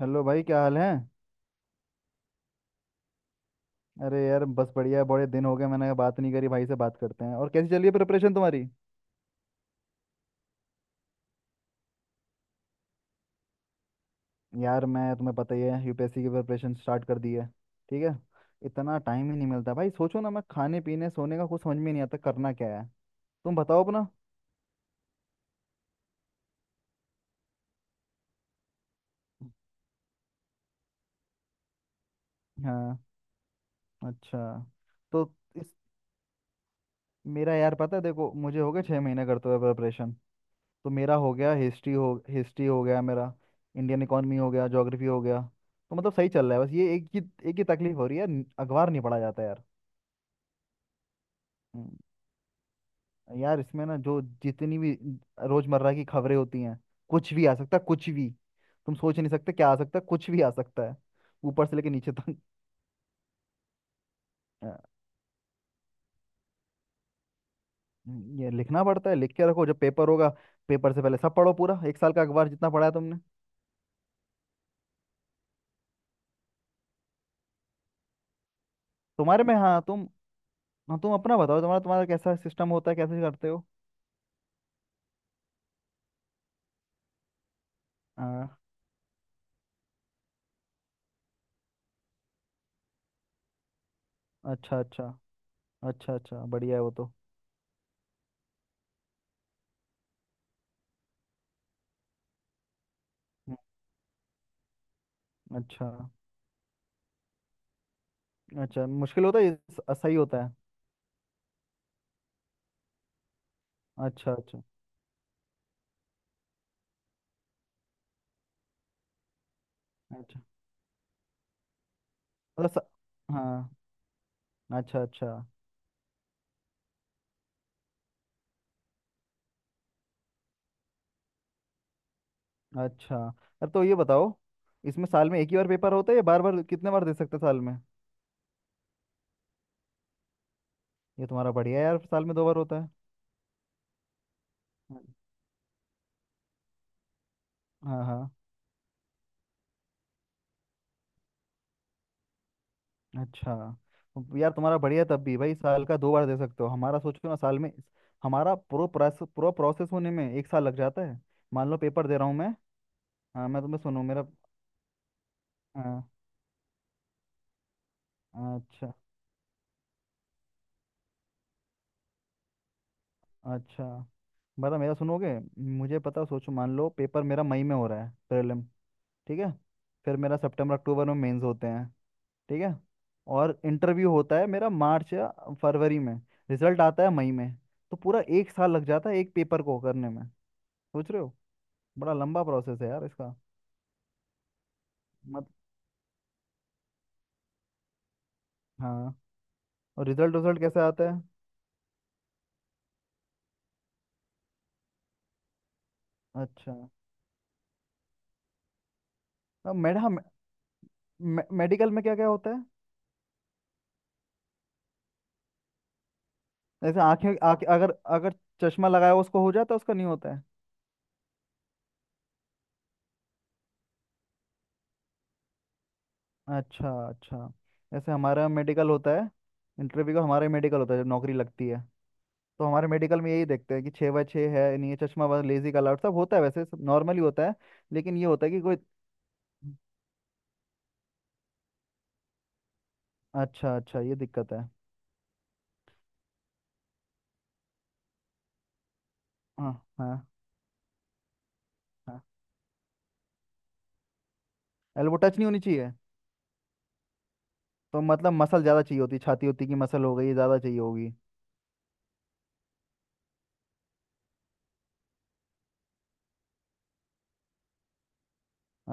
Hello भाई, क्या हाल है। अरे यार, बस बढ़िया है। बड़े दिन हो गए मैंने बात नहीं करी, भाई से बात करते हैं। और कैसी चल रही है प्रिपरेशन तुम्हारी। यार, मैं तुम्हें पता ही है, यूपीएससी की प्रिपरेशन स्टार्ट कर दी है। ठीक है। इतना टाइम ही नहीं मिलता भाई, सोचो ना, मैं खाने पीने सोने का कुछ समझ में नहीं आता करना क्या है। तुम बताओ अपना। हाँ। अच्छा। तो इस मेरा यार पता है, देखो, मुझे हो गए 6 महीने करते हुए प्रिपरेशन। तो मेरा हो गया हिस्ट्री हो गया मेरा। इंडियन इकोनॉमी हो गया, ज्योग्राफी हो गया। तो मतलब सही चल रहा है, बस ये एक ही तकलीफ हो रही है। अखबार नहीं पढ़ा जाता यार। हम्म, यार इसमें ना जो जितनी भी रोजमर्रा की खबरें होती हैं, कुछ भी आ सकता है, कुछ भी। तुम सोच नहीं सकते क्या आ सकता है, कुछ भी आ सकता है, ऊपर से लेके नीचे तक। अ, ये लिखना पड़ता है, लिख के रखो, जब पेपर होगा पेपर से पहले सब पढ़ो, पूरा एक साल का अखबार जितना पढ़ा है तुमने। तुम्हारे में, हाँ, तुम, हाँ, तुम अपना बताओ, तुम्हारा तुम्हारा कैसा सिस्टम होता है, कैसे करते हो। हाँ, अच्छा अच्छा। अच्छा अच्छा, बढ़िया है वो तो। हम्म, अच्छा अच्छा, मुश्किल होता है ये। सही होता है। अच्छा अच्छा। अच्छा। मतलब हाँ। अच्छा अच्छा। अच्छा। अब तो ये बताओ, इसमें साल में एक ही बार पेपर होता है, या बार बार कितने बार दे सकते हैं साल में। ये तुम्हारा बढ़िया है यार, साल में दो बार होता है। हाँ हाँ हाँ। अच्छा। अब यार तुम्हारा बढ़िया है, तब भी भाई साल का दो बार दे सकते हो। हमारा सोचो ना, साल में हमारा पूरा प्रोसेस होने में एक साल लग जाता है। मान लो पेपर दे रहा हूँ मैं। हाँ, मैं तुम्हें सुनूँ, मेरा। हाँ, अच्छा अच्छा, बता, मेरा सुनोगे। मुझे पता, सोचो, मान लो पेपर मेरा मई में हो रहा है, प्रीलिम। ठीक है। फिर मेरा सितंबर अक्टूबर में मेंस होते हैं। ठीक है। और इंटरव्यू होता है मेरा मार्च या फरवरी में। रिजल्ट आता है मई में। तो पूरा एक साल लग जाता है एक पेपर को करने में, सोच रहे हो। बड़ा लंबा प्रोसेस है यार इसका। मत हाँ। और रिजल्ट रिजल्ट कैसे आता है। अच्छा। अब मेड हाँ। मेडिकल में क्या क्या होता है। जैसे आंखें आंखें अगर अगर चश्मा लगाया, उसको हो जाता है उसका, नहीं होता है। अच्छा अच्छा। जैसे हमारा मेडिकल होता है, इंटरव्यू का हमारा मेडिकल होता है, जब नौकरी लगती है। तो हमारे मेडिकल में यही देखते हैं कि 6 बाय 6 है, नहीं ये चश्मा वाला, लेजी का अलर्ट सब होता है, वैसे सब नॉर्मली होता है। लेकिन ये होता है कि कोई। अच्छा अच्छा, ये दिक्कत है। हाँ हाँ हाँ, एल्बो टच नहीं होनी चाहिए। तो मतलब मसल ज़्यादा चाहिए होती, छाती होती की मसल हो गई, ये ज़्यादा चाहिए होगी।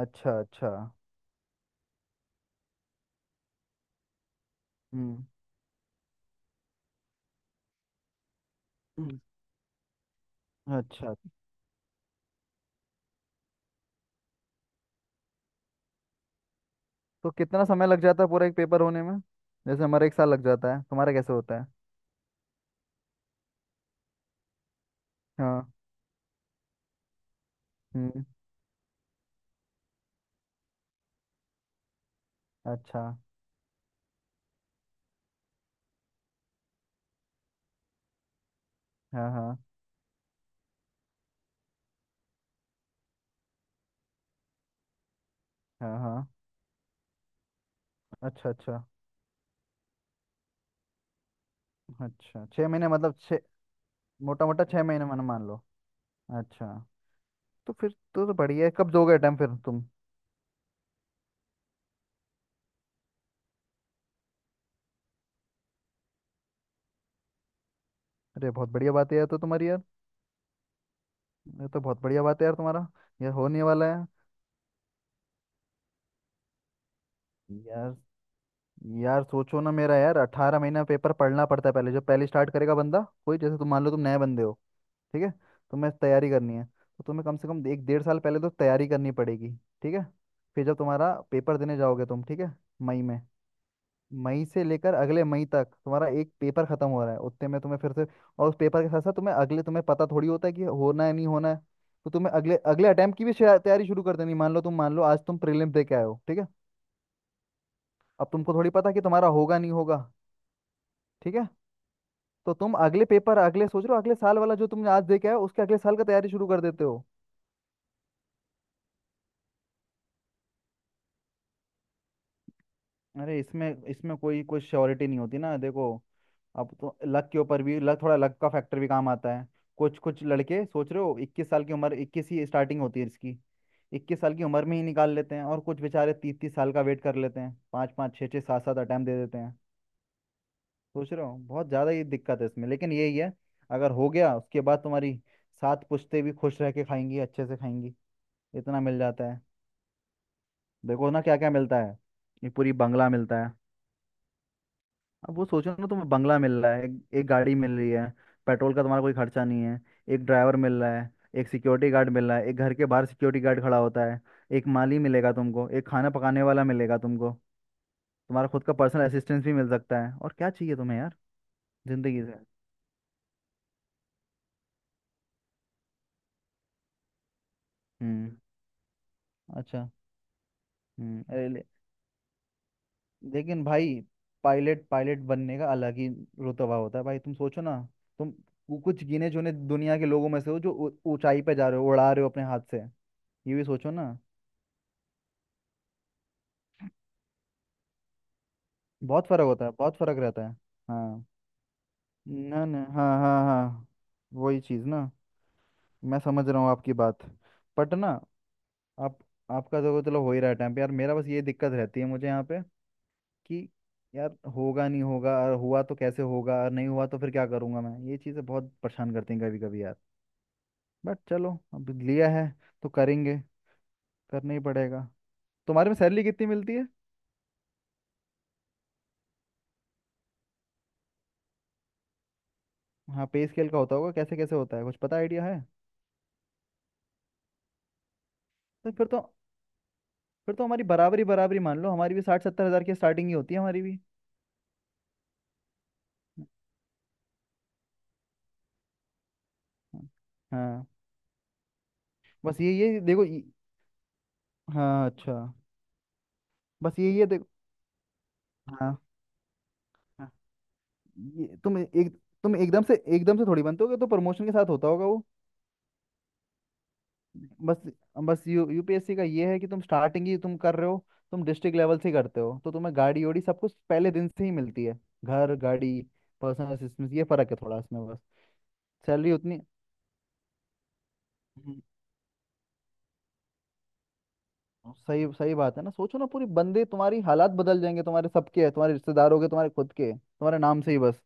अच्छा अच्छा। हम्म हम्म। अच्छा। तो कितना समय लग जाता है पूरा एक पेपर होने में, जैसे हमारा एक साल लग जाता है, तुम्हारा कैसे होता है। हाँ। हम्म। अच्छा। हाँ हाँ हाँ हाँ। अच्छा अच्छा। अच्छा, 6 महीने मतलब 6 मोटा मोटा 6 महीने मैंने मान लो। अच्छा। तो फिर तो बढ़िया है, कब दोगे अटेम्प्ट फिर तुम। अरे बहुत बढ़िया बात है यार, तो तुम्हारी यार, ये तो बहुत बढ़िया बात है यार, तुम्हारा ये होने वाला है यार। यार सोचो ना, मेरा यार 18 महीना पेपर पढ़ना पड़ता है पहले, जब पहले स्टार्ट करेगा बंदा। कोई जैसे तुम, मान लो तुम नए बंदे हो। ठीक है। तुम्हें तैयारी करनी है, तो तुम्हें कम से कम एक डेढ़ साल पहले तो तैयारी करनी पड़ेगी। ठीक है। फिर जब तुम्हारा पेपर देने जाओगे तुम, ठीक है, मई में, मई से लेकर अगले मई तक तुम्हारा एक पेपर खत्म हो रहा है, उतने में तुम्हें फिर से। और उस पेपर के साथ साथ तुम्हें अगले तुम्हें पता थोड़ी होता है कि होना है नहीं होना है। तो तुम्हें अगले अगले अटेम्प्ट की भी शायद तैयारी शुरू कर देनी, मान लो आज तुम प्रीलिम्स दे के आए हो। ठीक है। अब तुमको थोड़ी पता कि तुम्हारा होगा नहीं होगा। ठीक है। तो तुम अगले पेपर अगले सोच रहे हो अगले साल वाला जो तुमने आज देखा है, उसके अगले साल का तैयारी शुरू कर देते हो। अरे इसमें इसमें कोई कोई श्योरिटी नहीं होती ना, देखो। अब तो लक के ऊपर भी, लक, थोड़ा लक का फैक्टर भी काम आता है। कुछ कुछ लड़के, सोच रहे हो, 21 साल की उम्र, 21 ही स्टार्टिंग होती है इसकी। 21 साल की उम्र में ही निकाल लेते हैं, और कुछ बेचारे 30-30 साल का वेट कर लेते हैं, पाँच पाँच छः छः सात सात अटैम्प्ट दे देते हैं। सोच रहा हूँ, बहुत ज़्यादा ही दिक्कत है इसमें, लेकिन यही है। अगर हो गया, उसके बाद तुम्हारी सात पुश्ते भी खुश रह के खाएंगी, अच्छे से खाएंगी, इतना मिल जाता है। देखो ना क्या क्या मिलता है, ये पूरी बंगला मिलता है। अब वो सोचो ना, तुम्हें बंगला मिल रहा है, एक गाड़ी मिल रही है, पेट्रोल का तुम्हारा कोई खर्चा नहीं है, एक ड्राइवर मिल रहा है, एक सिक्योरिटी गार्ड मिल रहा है, एक घर के बाहर सिक्योरिटी गार्ड खड़ा होता है, एक माली मिलेगा तुमको, एक खाना पकाने वाला मिलेगा तुमको, तुम्हारा खुद का पर्सनल असिस्टेंस भी मिल सकता है, और क्या चाहिए तुम्हें यार जिंदगी से। हम्म। अच्छा। हम्म। लेकिन भाई, पायलट पायलट बनने का अलग ही रुतबा होता है भाई, तुम सोचो ना, तुम कुछ गिने चुने दुनिया के लोगों में से हो, जो ऊंचाई पे जा रहे हो, उड़ा रहे हो अपने हाथ से, ये भी सोचो ना। बहुत फर्क होता है, बहुत फर्क रहता है। हाँ। ना ना, हाँ हाँ हाँ, वही चीज़ ना। मैं समझ रहा हूँ आपकी बात, बट ना, आप आपका तो चलो हो ही रहा है टाइम पे। यार मेरा बस ये दिक्कत रहती है, मुझे यहाँ पे, कि यार होगा नहीं होगा, और हुआ तो कैसे होगा, और नहीं हुआ तो फिर क्या करूंगा मैं, ये चीज़ें बहुत परेशान करती हैं कभी कभी यार। बट चलो अब लिया है तो करेंगे, करना ही पड़ेगा। तुम्हारे में सैलरी कितनी मिलती है। हाँ, पे स्केल का होता होगा, कैसे कैसे होता है, कुछ पता आइडिया है। तो फिर तो हमारी बराबरी, बराबरी मान लो, हमारी भी 60-70 हज़ार की स्टार्टिंग ही होती है हमारी भी। हाँ हाँ, बस ये देखो ये। हाँ, अच्छा। बस ये देखो। हाँ हाँ। ये तुम एक तुम एकदम से थोड़ी बनते होगे, तो प्रमोशन के साथ होता होगा वो। बस बस, यू यूपीएससी का ये है कि तुम स्टार्टिंग ही तुम कर रहे हो, तुम डिस्ट्रिक्ट लेवल से ही करते हो, तो तुम्हें गाड़ी ओड़ी सब कुछ पहले दिन से ही मिलती है। घर, गाड़ी, पर्सनल असिस्टेंस, ये फर्क है थोड़ा इसमें बस, सैलरी उतनी। हम्म, सही सही बात है ना, सोचो ना, पूरी बंदे तुम्हारी हालात बदल जाएंगे, तुम्हारे सबके, तुम्हारे रिश्तेदारों के, तुम्हारे खुद के, तुम्हारे नाम से ही बस।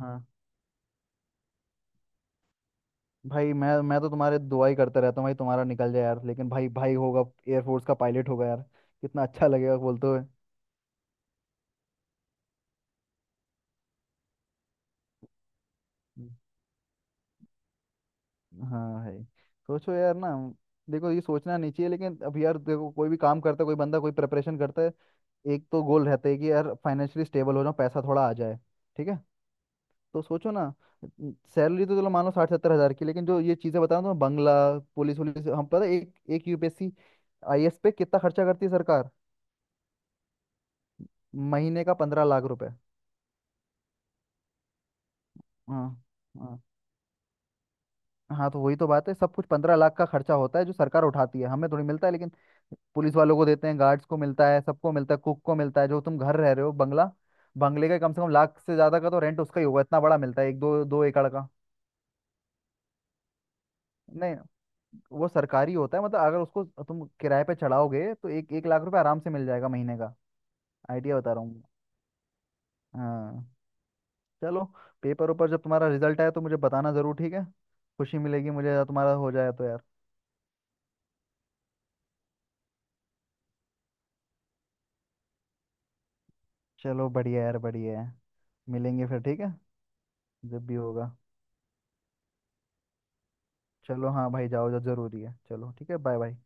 हाँ भाई, मैं तो तुम्हारे दुआ ही करता रहता हूँ भाई, तुम्हारा निकल जाए यार, लेकिन भाई भाई होगा, एयरफोर्स का पायलट होगा यार, कितना अच्छा लगेगा बोलते हुए। हाँ, है। सोचो यार ना, देखो ये सोचना नहीं चाहिए, लेकिन अब यार देखो, कोई भी काम करता है कोई बंदा, कोई प्रिपरेशन करता है, एक तो गोल रहता है कि यार फाइनेंशियली स्टेबल हो जाऊं, पैसा थोड़ा आ जाए। ठीक है। तो सोचो ना, सैलरी तो चलो मान लो 60-70 हजार की, लेकिन जो ये चीजें बता रहा हूँ, बंगला, पुलिस वुलिस, हम पता है एक एक यूपीएससी आईएएस पे कितना खर्चा करती है सरकार, महीने का 15 लाख रुपए। हाँ हाँ हाँ। तो वही तो बात है, सब कुछ 15 लाख का खर्चा होता है जो सरकार उठाती है, हमें थोड़ी मिलता है, लेकिन पुलिस वालों को देते हैं, गार्ड्स को मिलता है, सबको मिलता है, कुक को मिलता है। जो तुम घर रह रहे हो बंगला, बंगले का कम से कम लाख से ज्यादा का तो रेंट उसका ही होगा, इतना बड़ा मिलता है, एक 2-2 एकड़ का। नहीं, वो सरकारी होता है, मतलब अगर उसको तुम किराए पे चढ़ाओगे तो 1-1 लाख रुपए आराम से मिल जाएगा महीने का। आइडिया बता रहा हूँ। हाँ। चलो, पेपर ऊपर जब तुम्हारा रिजल्ट आए तो मुझे बताना जरूर, ठीक है, खुशी मिलेगी मुझे अगर तुम्हारा हो जाए तो यार। चलो बढ़िया यार, बढ़िया है, मिलेंगे फिर, ठीक है, जब भी होगा। चलो, हाँ भाई जाओ, जो जरूरी है, चलो ठीक है, बाय बाय।